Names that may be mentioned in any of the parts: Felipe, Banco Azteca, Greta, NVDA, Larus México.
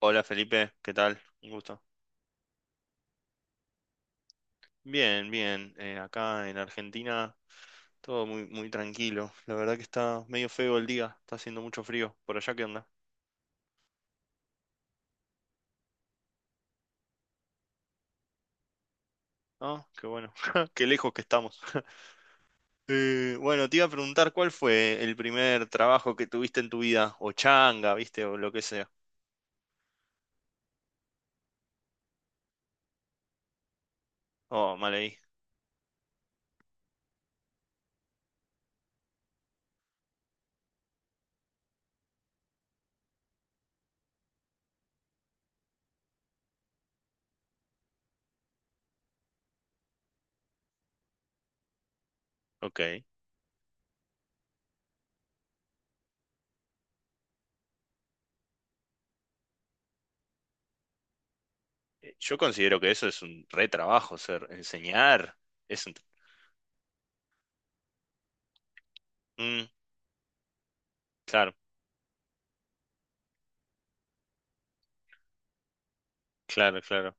Hola Felipe, ¿qué tal? Un gusto. Bien, bien. Acá en Argentina todo muy, muy tranquilo. La verdad que está medio feo el día, está haciendo mucho frío. ¿Por allá qué onda? Ah, qué bueno. Qué lejos que estamos. Bueno, te iba a preguntar cuál fue el primer trabajo que tuviste en tu vida, o changa, viste, o lo que sea. Oh, mal ahí. Ok. Yo considero que eso es un re trabajo, ser enseñar. Es un... Mm, claro, claro, claro.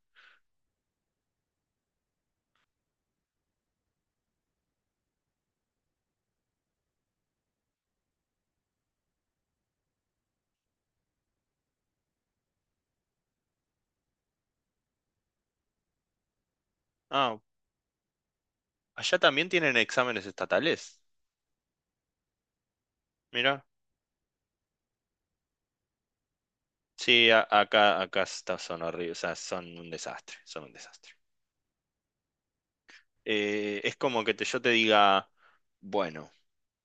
Ah, allá también tienen exámenes estatales. Mira. Sí, acá, son horribles, o sea, son un desastre, son un desastre. Es como que yo te diga, bueno,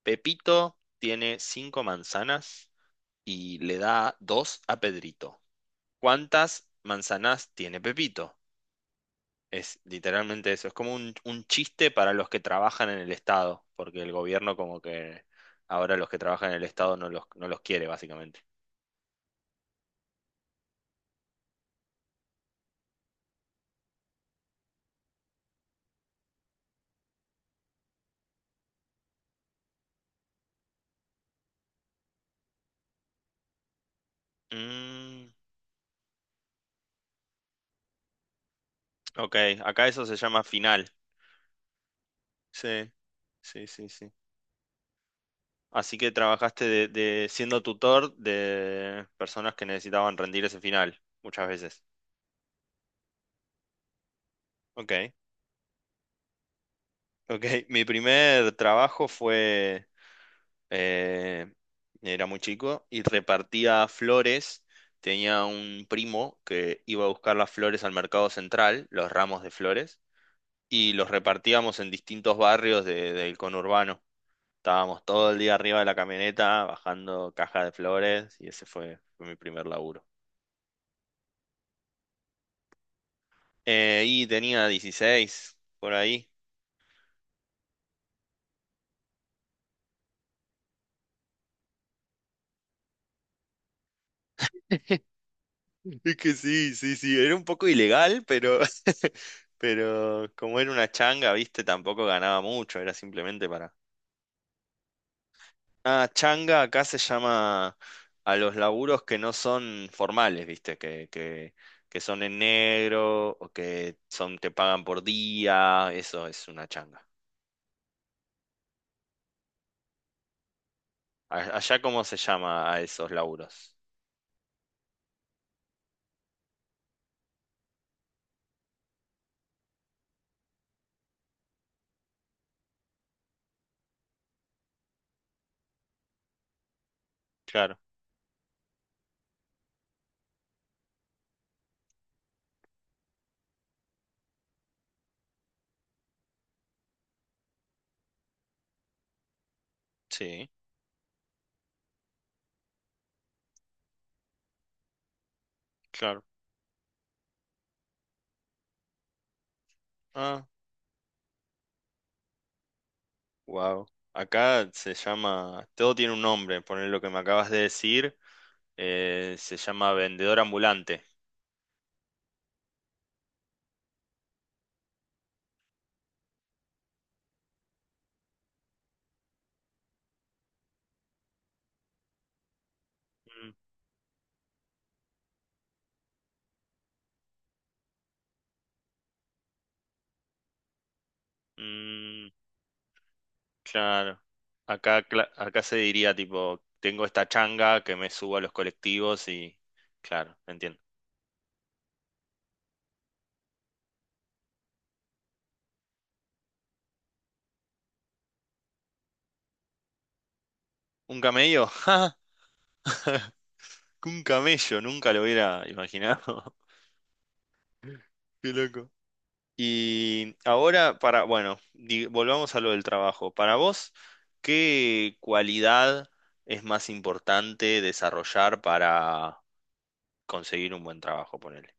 Pepito tiene 5 manzanas y le da 2 a Pedrito. ¿Cuántas manzanas tiene Pepito? Es literalmente eso, es como un chiste para los que trabajan en el Estado, porque el gobierno como que ahora los que trabajan en el Estado no los quiere, básicamente. Mm, ok, acá eso se llama final. Sí, sí, sí, sí. Así que trabajaste siendo tutor de personas que necesitaban rendir ese final, muchas veces. Ok, ok. Mi primer trabajo fue, eh, era muy chico y repartía flores. Tenía un primo que iba a buscar las flores al mercado central, los ramos de flores, y los repartíamos en distintos barrios del conurbano. Estábamos todo el día arriba de la camioneta bajando caja de flores y ese fue mi primer laburo. Y tenía 16 por ahí. Es que sí, sí, sí, era un poco ilegal, pero, pero como era una changa, viste, tampoco ganaba mucho, era simplemente para... Ah, changa acá se llama a los laburos que no son formales, viste, que son en negro o que son, te pagan por día, eso es una changa. Allá, ¿cómo se llama a esos laburos? Claro, sí, claro. Ah. Wow. Acá se llama, todo tiene un nombre, poner lo que me acabas de decir, se llama vendedor ambulante. Mm, mm, claro. Acá, acá se diría tipo, tengo esta changa que me subo a los colectivos y, claro, entiendo. ¿Un camello? ¡Ja! Un camello, nunca lo hubiera imaginado. Qué loco. Y ahora para, bueno, volvamos a lo del trabajo. Para vos, ¿qué cualidad es más importante desarrollar para conseguir un buen trabajo, ponele?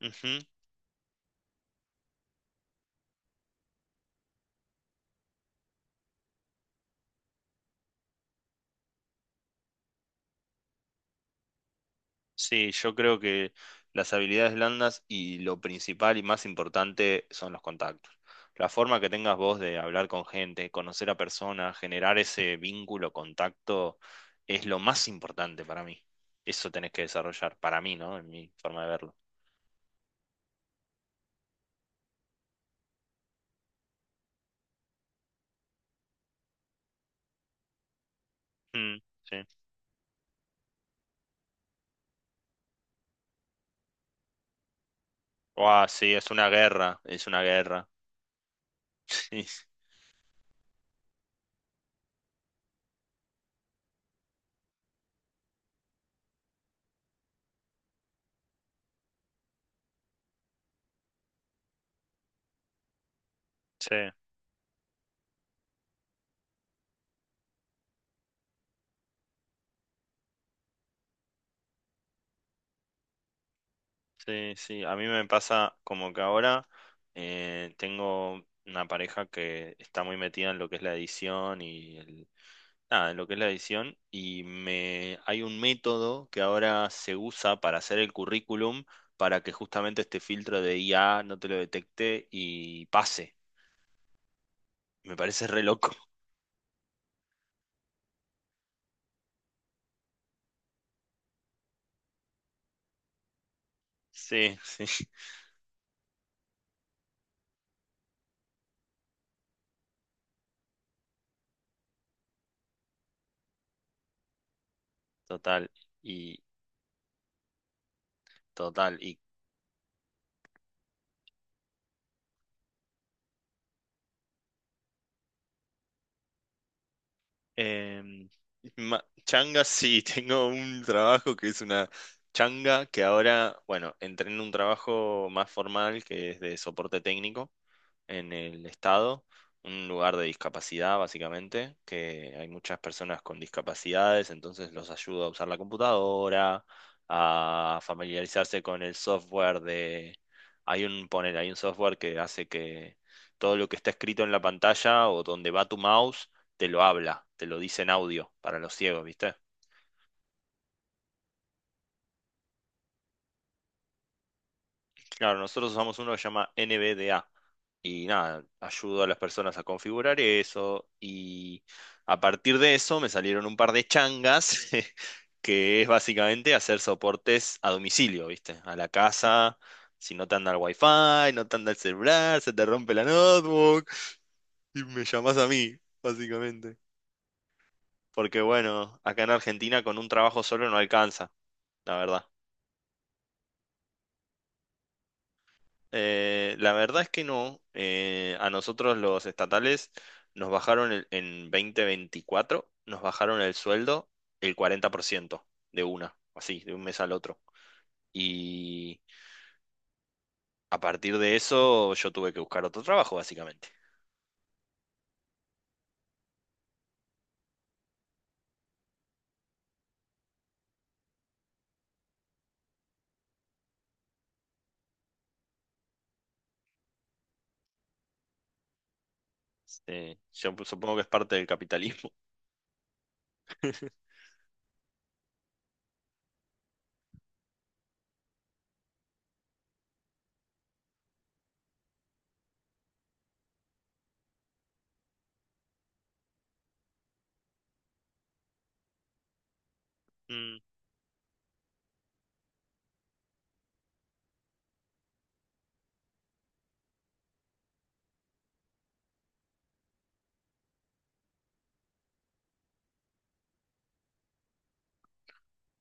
Ujú. Sí, yo creo que las habilidades blandas y lo principal y más importante son los contactos. La forma que tengas vos de hablar con gente, conocer a personas, generar ese vínculo, contacto, es lo más importante para mí. Eso tenés que desarrollar, para mí, ¿no? En mi forma de verlo. Mm, sí. Guau, sí, es una guerra, es una guerra. Sí, sí, sí, sí. A mí me pasa como que ahora tengo una pareja que está muy metida en lo que es la edición y el, nada, en lo que es la edición y me hay un método que ahora se usa para hacer el currículum para que justamente este filtro de IA no te lo detecte y pase. Me parece re loco. Sí, sí, total. Y total. Em, changa, sí, tengo un trabajo que es una changa que ahora, bueno, entré en un trabajo más formal que es de soporte técnico en el estado, un lugar de discapacidad básicamente, que hay muchas personas con discapacidades, entonces los ayuda a usar la computadora, a familiarizarse con el software de... Hay un, poner, hay un software que hace que todo lo que está escrito en la pantalla o donde va tu mouse, te lo habla, te lo dice en audio para los ciegos, ¿viste? Claro, nosotros usamos uno que se llama NVDA y nada, ayudo a las personas a configurar eso y a partir de eso me salieron un par de changas que es básicamente hacer soportes a domicilio, ¿viste? A la casa, si no te anda el wifi, no te anda el celular, se te rompe la notebook y me llamas a mí, básicamente. Porque bueno, acá en Argentina con un trabajo solo no alcanza, la verdad. La verdad es que no. A nosotros los estatales nos bajaron en 2024, nos bajaron el sueldo el 40% de una, así, de un mes al otro. Y a partir de eso yo tuve que buscar otro trabajo, básicamente. Yo supongo que es parte del capitalismo. Mm.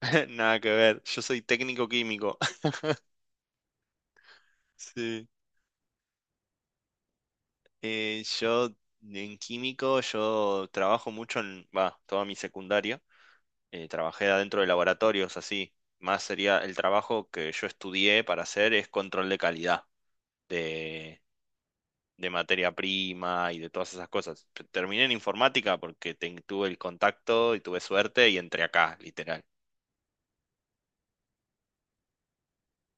Nada que ver, yo soy técnico químico. Sí. Yo en químico, yo trabajo mucho en, va, toda mi secundaria. Eh, trabajé adentro de laboratorios así. Más sería el trabajo que yo estudié para hacer es control de calidad de, de materia prima y de todas esas cosas. Terminé en informática porque tuve el contacto y tuve suerte y entré acá, literal.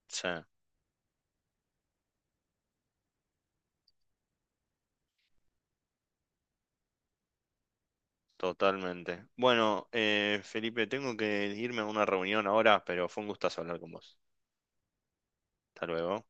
Sí, totalmente. Bueno, Felipe, tengo que irme a una reunión ahora, pero fue un gustazo hablar con vos. Hasta luego.